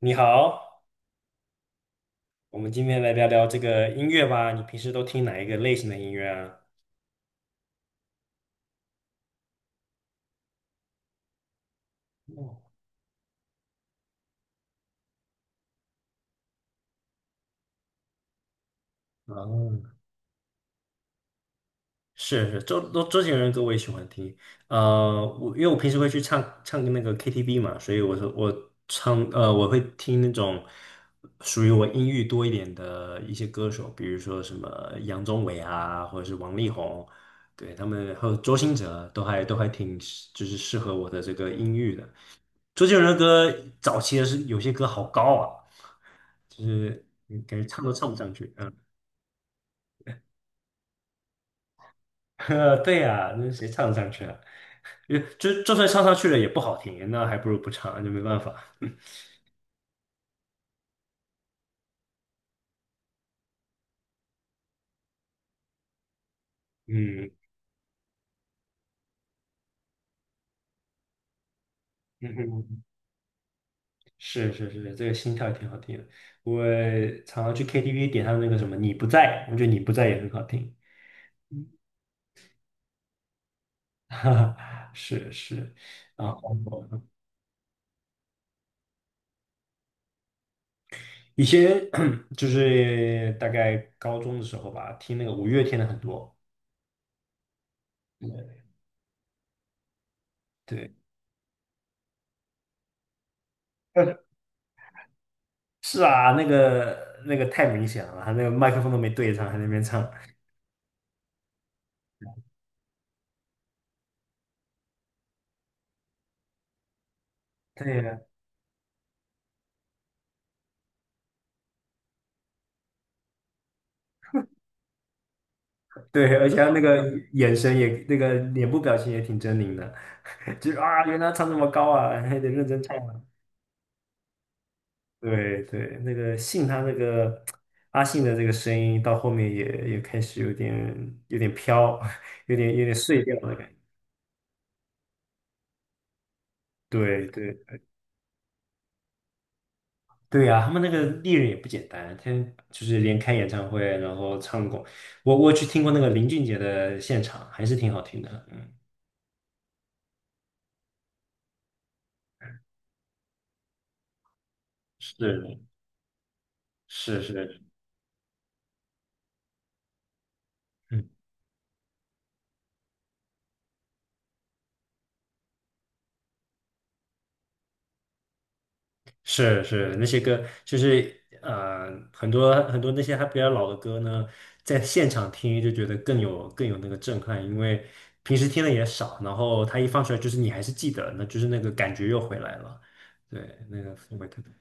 你好，我们今天来聊聊这个音乐吧。你平时都听哪一个类型的音乐啊？哦，啊，是是，周杰伦歌我也喜欢听。我因为我平时会去唱唱那个 KTV 嘛，所以我说我会听那种属于我音域多一点的一些歌手，比如说什么杨宗纬啊，或者是王力宏，对他们还有周兴哲都还挺就是适合我的这个音域的。周杰伦的歌早期的是有些歌好高啊，就是感觉唱都唱不上去。嗯，对呀、那谁唱得上去啊？就算唱上去了也不好听，那还不如不唱，就没办法。嗯嗯哼，是是是，这个心跳也挺好听的。我常常去 KTV 点他那个什么《你不在》，我觉得《你不在》也很好听。哈哈，是是，啊，以前 就是大概高中的时候吧，听那个五月天的很多。对，呃，是啊，那个太明显了，他那个麦克风都没对上，还在那边唱。对呀，对，而且他那个眼神也，那个脸部表情也挺狰狞的，就是啊，原来唱这么高啊，还得认真唱啊对对，那个信他那个阿信的这个声音到后面也开始有点飘，有点碎掉的感觉。对对。对呀、他们那个艺人也不简单，他就是连开演唱会，然后唱过，我去听过那个林俊杰的现场，还是挺好听的。嗯，是是是，嗯，是是，那些歌就是很多很多那些还比较老的歌呢，在现场听就觉得更有那个震撼，因为平时听的也少，然后他一放出来，就是你还是记得，那就是那个感觉又回来了。对，那个氛围特别，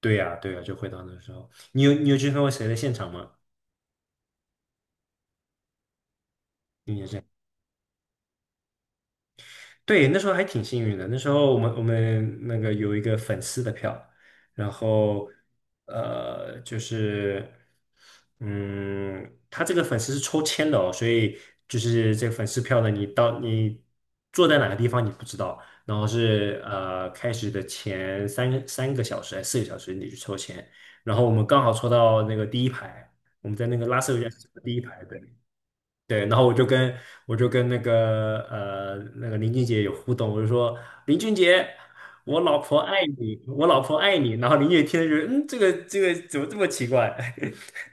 对呀、对呀、就回到那时候。你有去看过谁的现场吗？对，那时候还挺幸运的。那时候我们那个有一个粉丝的票，然后就是他这个粉丝是抽签的哦，所以就是这个粉丝票呢，你到你坐在哪个地方你不知道，然后是开始的前三个小时还是4个小时你去抽签，然后我们刚好抽到那个第一排，我们在那个拉斯维加斯的第一排，对。对，然后我就跟那个那个林俊杰有互动，我就说林俊杰，我老婆爱你，我老婆爱你。然后林俊杰听了就这个怎么这么奇怪？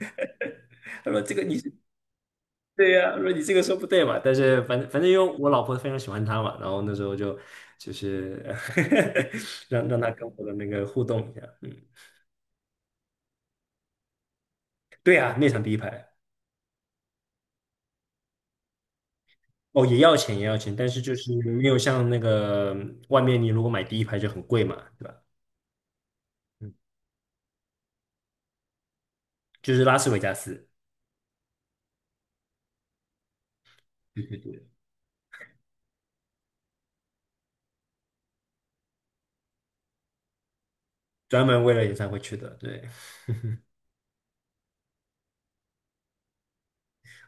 他说这个你是对呀、他说你这个说不对嘛。但是反正因为我老婆非常喜欢他嘛，然后那时候就是 让他跟我的那个互动一下。嗯，对啊，那场第一排哦也要钱也要钱，但是就是没有像那个外面你如果买第一排就很贵嘛，对吧？嗯。就是拉斯维加斯，对对对，专门为了演唱会去的。对，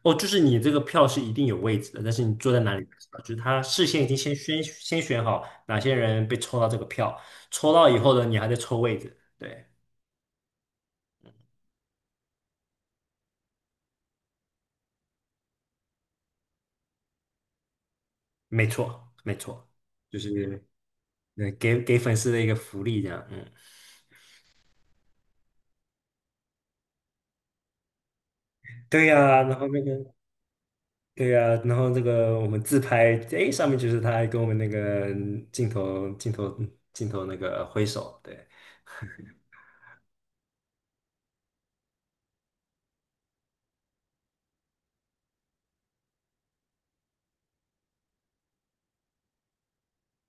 哦，就是你这个票是一定有位置的，但是你坐在哪里不知道，就是他事先已经先选好哪些人被抽到这个票，抽到以后呢，你还在抽位置。对，没错，没错，就是给粉丝的一个福利这样。嗯，对呀，然后那个。对呀、然后这个我们自拍，哎，上面就是他还跟我们那个镜头、镜头、镜头那个挥手，对。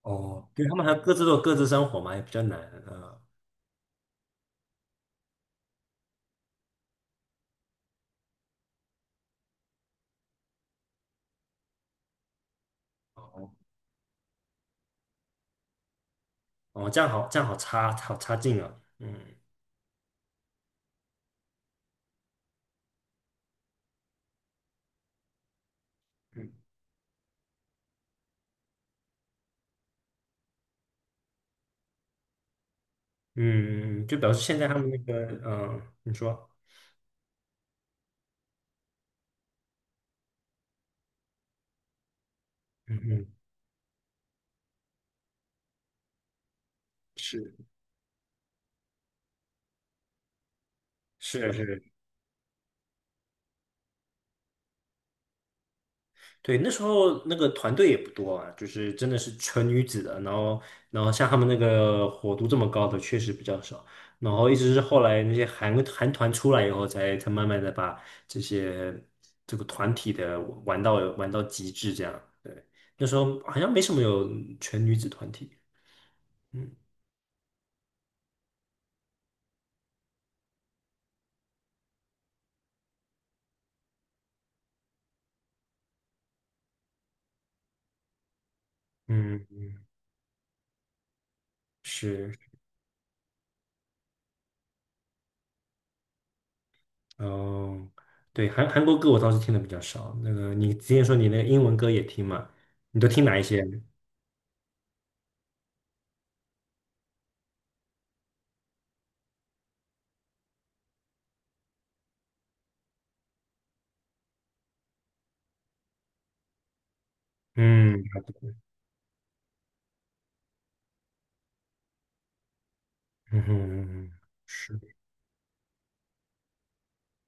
哦，对，他们还各自都有各自生活嘛，也比较难啊。哦，哦，这样好，这样好差，好差劲啊。嗯嗯嗯，就表示现在他们那个，你说，嗯嗯，是是是。对，那时候那个团队也不多啊，就是真的是纯女子的，然后像他们那个火度这么高的确实比较少，然后一直是后来那些韩团出来以后才，才慢慢的把这些这个团体的玩到极致这样。对，那时候好像没什么有全女子团体。嗯嗯，是，嗯，对，韩国歌我倒是听的比较少。那个你之前说你那个英文歌也听嘛？你都听哪一些？嗯。嗯哼是。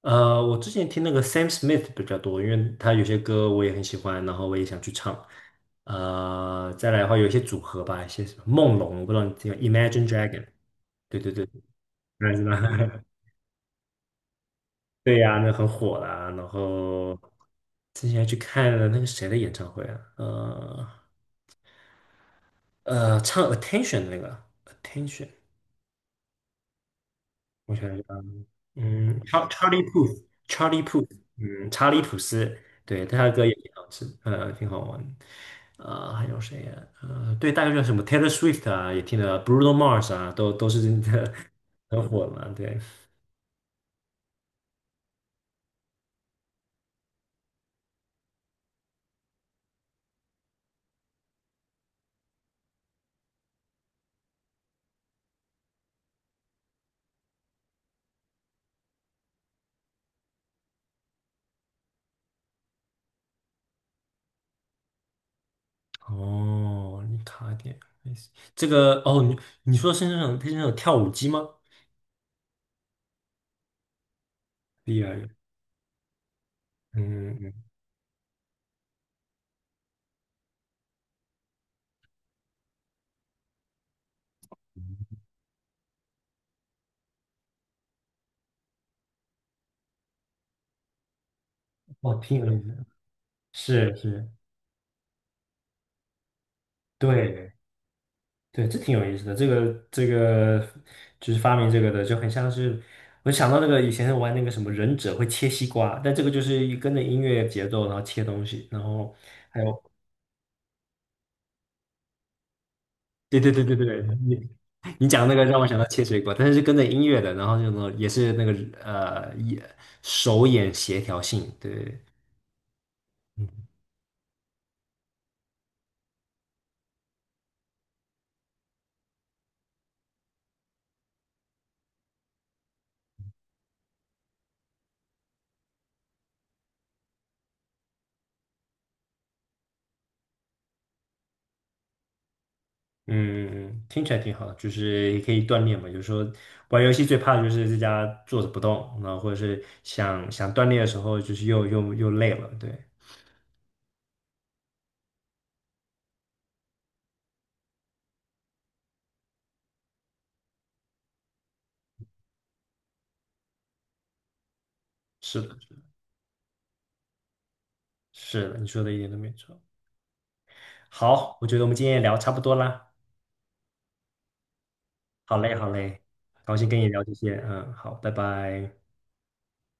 我之前听那个 Sam Smith 比较多，因为他有些歌我也很喜欢，然后我也想去唱。再来的话，有一些组合吧，一些什么梦龙，我不知道你听过 Imagine Dragon。对对对，那知道。对呀、那很火啦。然后之前还去看了那个谁的演唱会啊？唱 Attention 的那个 Attention，我想。嗯查理普，c h a r l 嗯，查理普斯，对，他的歌也挺好吃，挺好玩。还有谁呀、对，大概就是什么 Taylor Swift 啊，也听了，Bruno Mars 啊，都是真的 很火嘛，对。哦，你卡点，这个哦，你说是那种跳舞机吗？厉害，嗯嗯，嗯哦，挺有意思的是是，对对，这挺有意思的。这个就是发明这个的，就很像是我想到那个以前玩那个什么忍者会切西瓜，但这个就是一跟着音乐节奏然后切东西，然后还有对对对对对，你讲那个让我想到切水果，但是是跟着音乐的，然后就呢也是那个呃眼手眼协调性，对，嗯，听起来挺好，就是也可以锻炼嘛。有时候玩游戏最怕的就是在家坐着不动，然后或者是想想锻炼的时候，就是又累了，对。是的，是的，你说的一点都没错。好，我觉得我们今天也聊差不多啦。好嘞，好嘞，高兴跟你聊这些。嗯，好，拜拜。